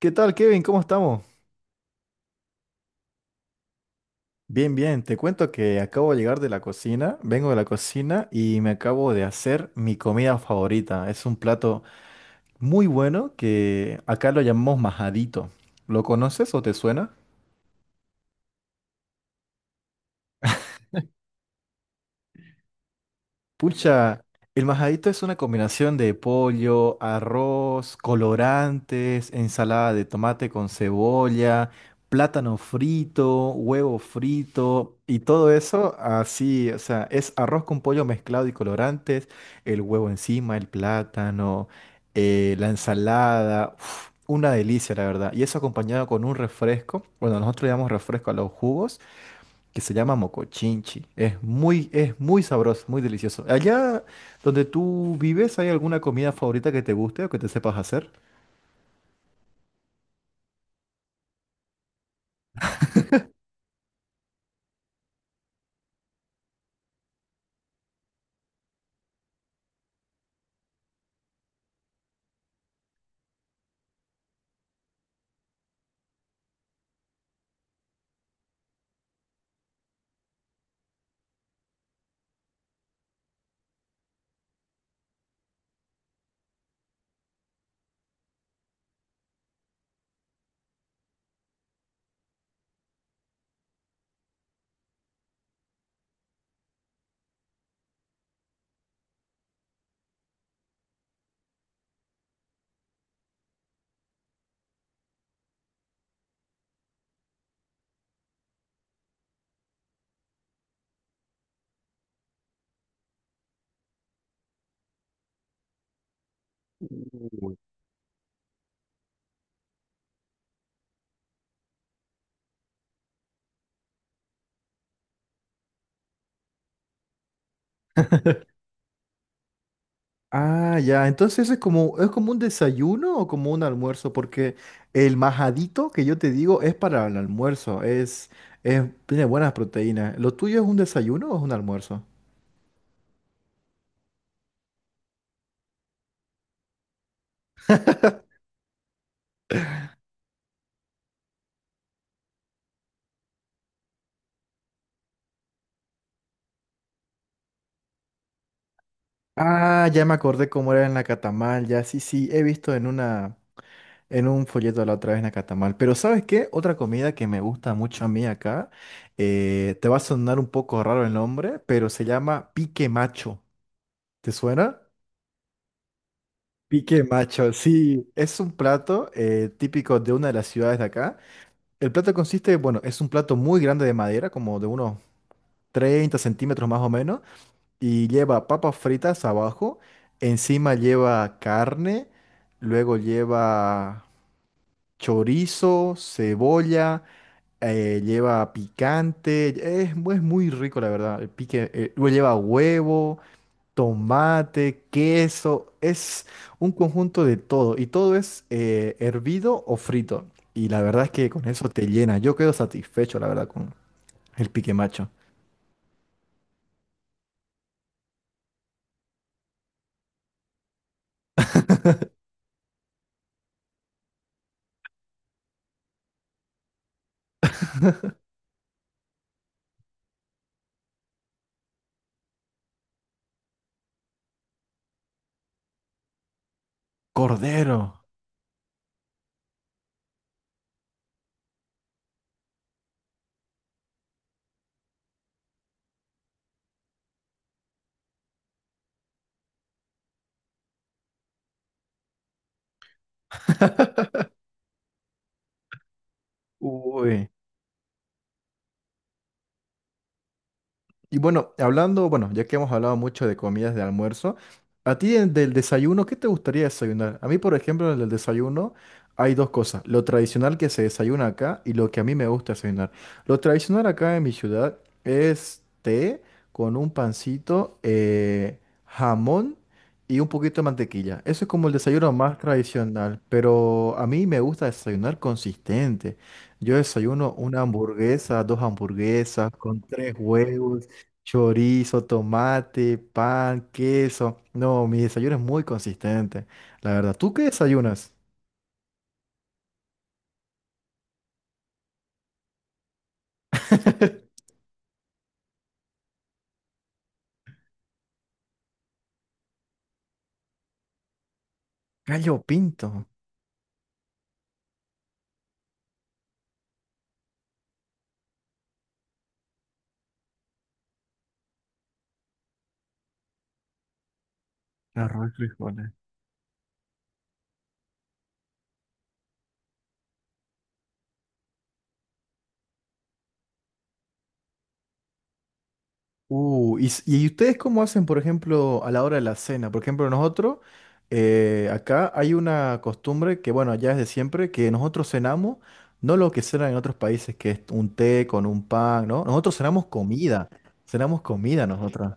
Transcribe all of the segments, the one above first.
¿Qué tal, Kevin? ¿Cómo estamos? Bien, bien. Te cuento que acabo de llegar de la cocina, vengo de la cocina y me acabo de hacer mi comida favorita. Es un plato muy bueno que acá lo llamamos majadito. ¿Lo conoces o te suena? Pucha, el majadito es una combinación de pollo, arroz, colorantes, ensalada de tomate con cebolla, plátano frito, huevo frito y todo eso así, o sea, es arroz con pollo mezclado y colorantes, el huevo encima, el plátano, la ensalada, uf, una delicia la verdad. Y eso acompañado con un refresco, bueno, nosotros le llamamos refresco a los jugos que se llama mocochinchi. Es muy sabroso, muy delicioso. Allá donde tú vives, ¿hay alguna comida favorita que te guste o que te sepas hacer? Ah, ya. Entonces es como un desayuno o como un almuerzo, porque el majadito que yo te digo es para el almuerzo. Tiene buenas proteínas. ¿Lo tuyo es un desayuno o es un almuerzo? Ah, ya me acordé cómo era en la Catamal, ya sí, sí, he visto en un folleto la otra vez nacatamal. Pero ¿sabes qué? Otra comida que me gusta mucho a mí acá, te va a sonar un poco raro el nombre, pero se llama pique macho. ¿Te suena? Pique macho, sí. Es un plato típico de una de las ciudades de acá. El plato consiste, bueno, es un plato muy grande de madera, como de unos 30 centímetros más o menos, y lleva papas fritas abajo, encima lleva carne, luego lleva chorizo, cebolla. Lleva picante, es muy rico la verdad. Luego lleva huevo, tomate, queso, es un conjunto de todo y todo es hervido o frito. Y la verdad es que con eso te llena. Yo quedo satisfecho, la verdad, con el pique macho. Cordero. Uy. Y bueno, hablando, bueno, ya que hemos hablado mucho de comidas de almuerzo, a ti del desayuno, ¿qué te gustaría desayunar? A mí, por ejemplo, en el desayuno hay dos cosas, lo tradicional que se desayuna acá y lo que a mí me gusta desayunar. Lo tradicional acá en mi ciudad es té con un pancito, jamón y un poquito de mantequilla. Eso es como el desayuno más tradicional, pero a mí me gusta desayunar consistente. Yo desayuno una hamburguesa, dos hamburguesas, con tres huevos. Chorizo, tomate, pan, queso. No, mi desayuno es muy consistente, la verdad. ¿Tú qué desayunas? Gallo pinto. Arroz y frijoles. ¿Y ustedes cómo hacen, por ejemplo, a la hora de la cena? Por ejemplo, nosotros, acá hay una costumbre que, bueno, ya es de siempre, que nosotros cenamos, no lo que cenan en otros países, que es un té con un pan, ¿no? Nosotros cenamos comida nosotros.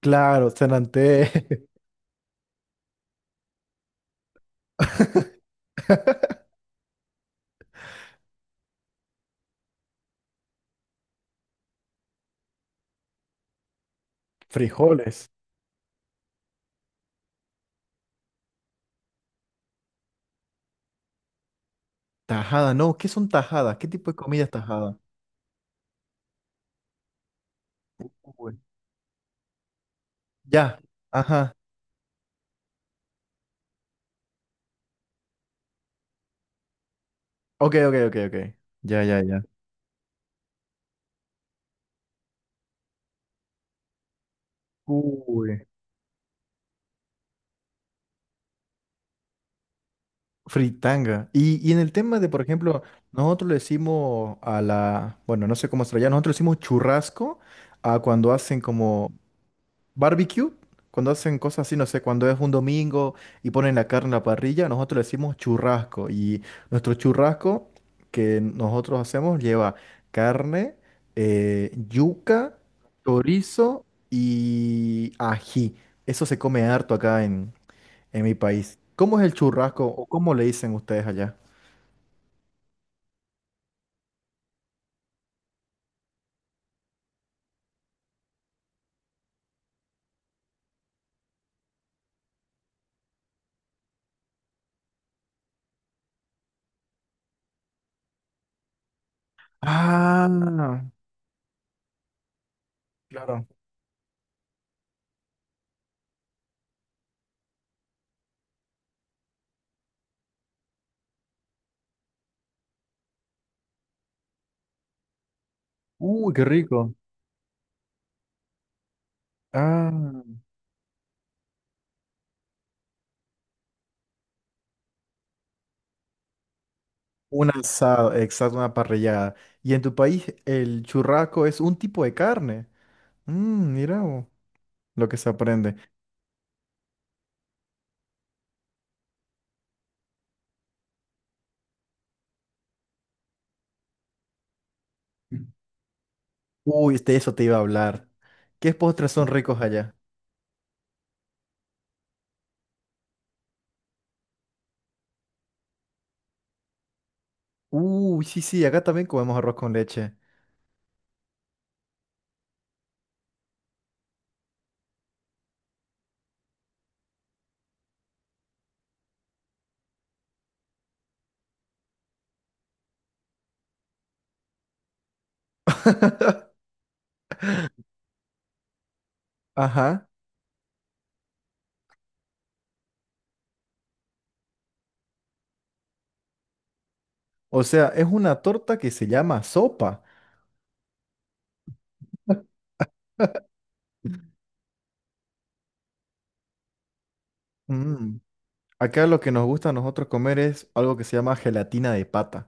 Claro, cenan té, frijoles. Tajada, no, ¿qué son tajadas? ¿Qué tipo de comida es tajada? Uy. Ya, ajá. Ok, ok, ok, ok. Ya, ya, ya. Uy. Fritanga. Y en el tema de, por ejemplo, nosotros le decimos a la, bueno, no sé cómo se lo llama, nosotros le decimos churrasco a cuando hacen como barbecue, cuando hacen cosas así, no sé, cuando es un domingo y ponen la carne en la parrilla, nosotros le decimos churrasco. Y nuestro churrasco que nosotros hacemos lleva carne, yuca, chorizo y ají. Eso se come harto acá en mi país. ¿Cómo es el churrasco o cómo le dicen ustedes allá? Ah, claro. Uy, qué rico. Ah. Un asado, exacto, una parrillada. Y en tu país el churrasco es un tipo de carne. Mira vos, lo que se aprende. Uy, de eso te iba a hablar. ¿Qué postres son ricos allá? Uy, sí, sí, acá también comemos arroz con leche. Ajá. O sea, es una torta que se llama sopa. Mm. Acá lo que nos gusta a nosotros comer es algo que se llama gelatina de pata.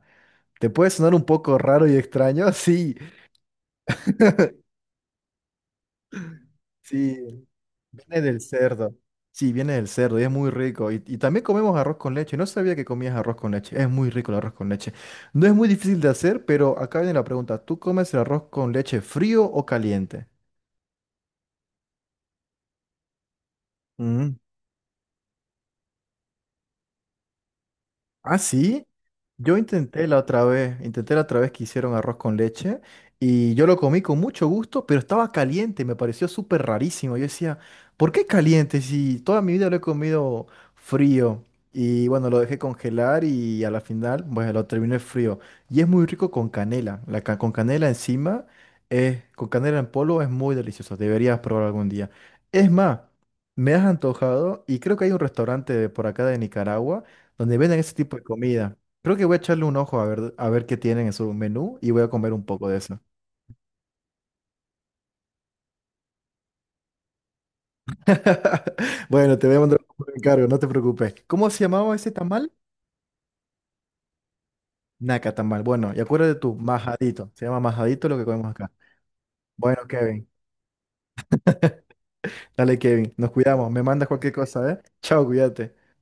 ¿Te puede sonar un poco raro y extraño? Sí. Sí, viene del cerdo. Sí, viene del cerdo y es muy rico. Y también comemos arroz con leche. No sabía que comías arroz con leche. Es muy rico el arroz con leche. No es muy difícil de hacer, pero acá viene la pregunta. ¿Tú comes el arroz con leche frío o caliente? Mm. Ah, sí. Yo intenté la otra vez que hicieron arroz con leche y yo lo comí con mucho gusto, pero estaba caliente, me pareció súper rarísimo. Yo decía, ¿por qué caliente si toda mi vida lo he comido frío? Y bueno, lo dejé congelar y a la final, bueno, lo terminé frío. Y es muy rico con canela. Con canela encima, con canela en polvo es muy delicioso. Deberías probar algún día. Es más, me has antojado y creo que hay un restaurante por acá de Nicaragua donde venden ese tipo de comida. Creo que voy a echarle un ojo a ver qué tienen en su menú y voy a comer un poco de eso. Bueno, te voy a mandar un encargo, no te preocupes. ¿Cómo se llamaba ese tamal? Naca tamal. Bueno, y acuérdate tú, majadito. Se llama majadito lo que comemos acá. Bueno, Kevin. Dale, Kevin. Nos cuidamos. Me mandas cualquier cosa, ¿eh? Chao, cuídate.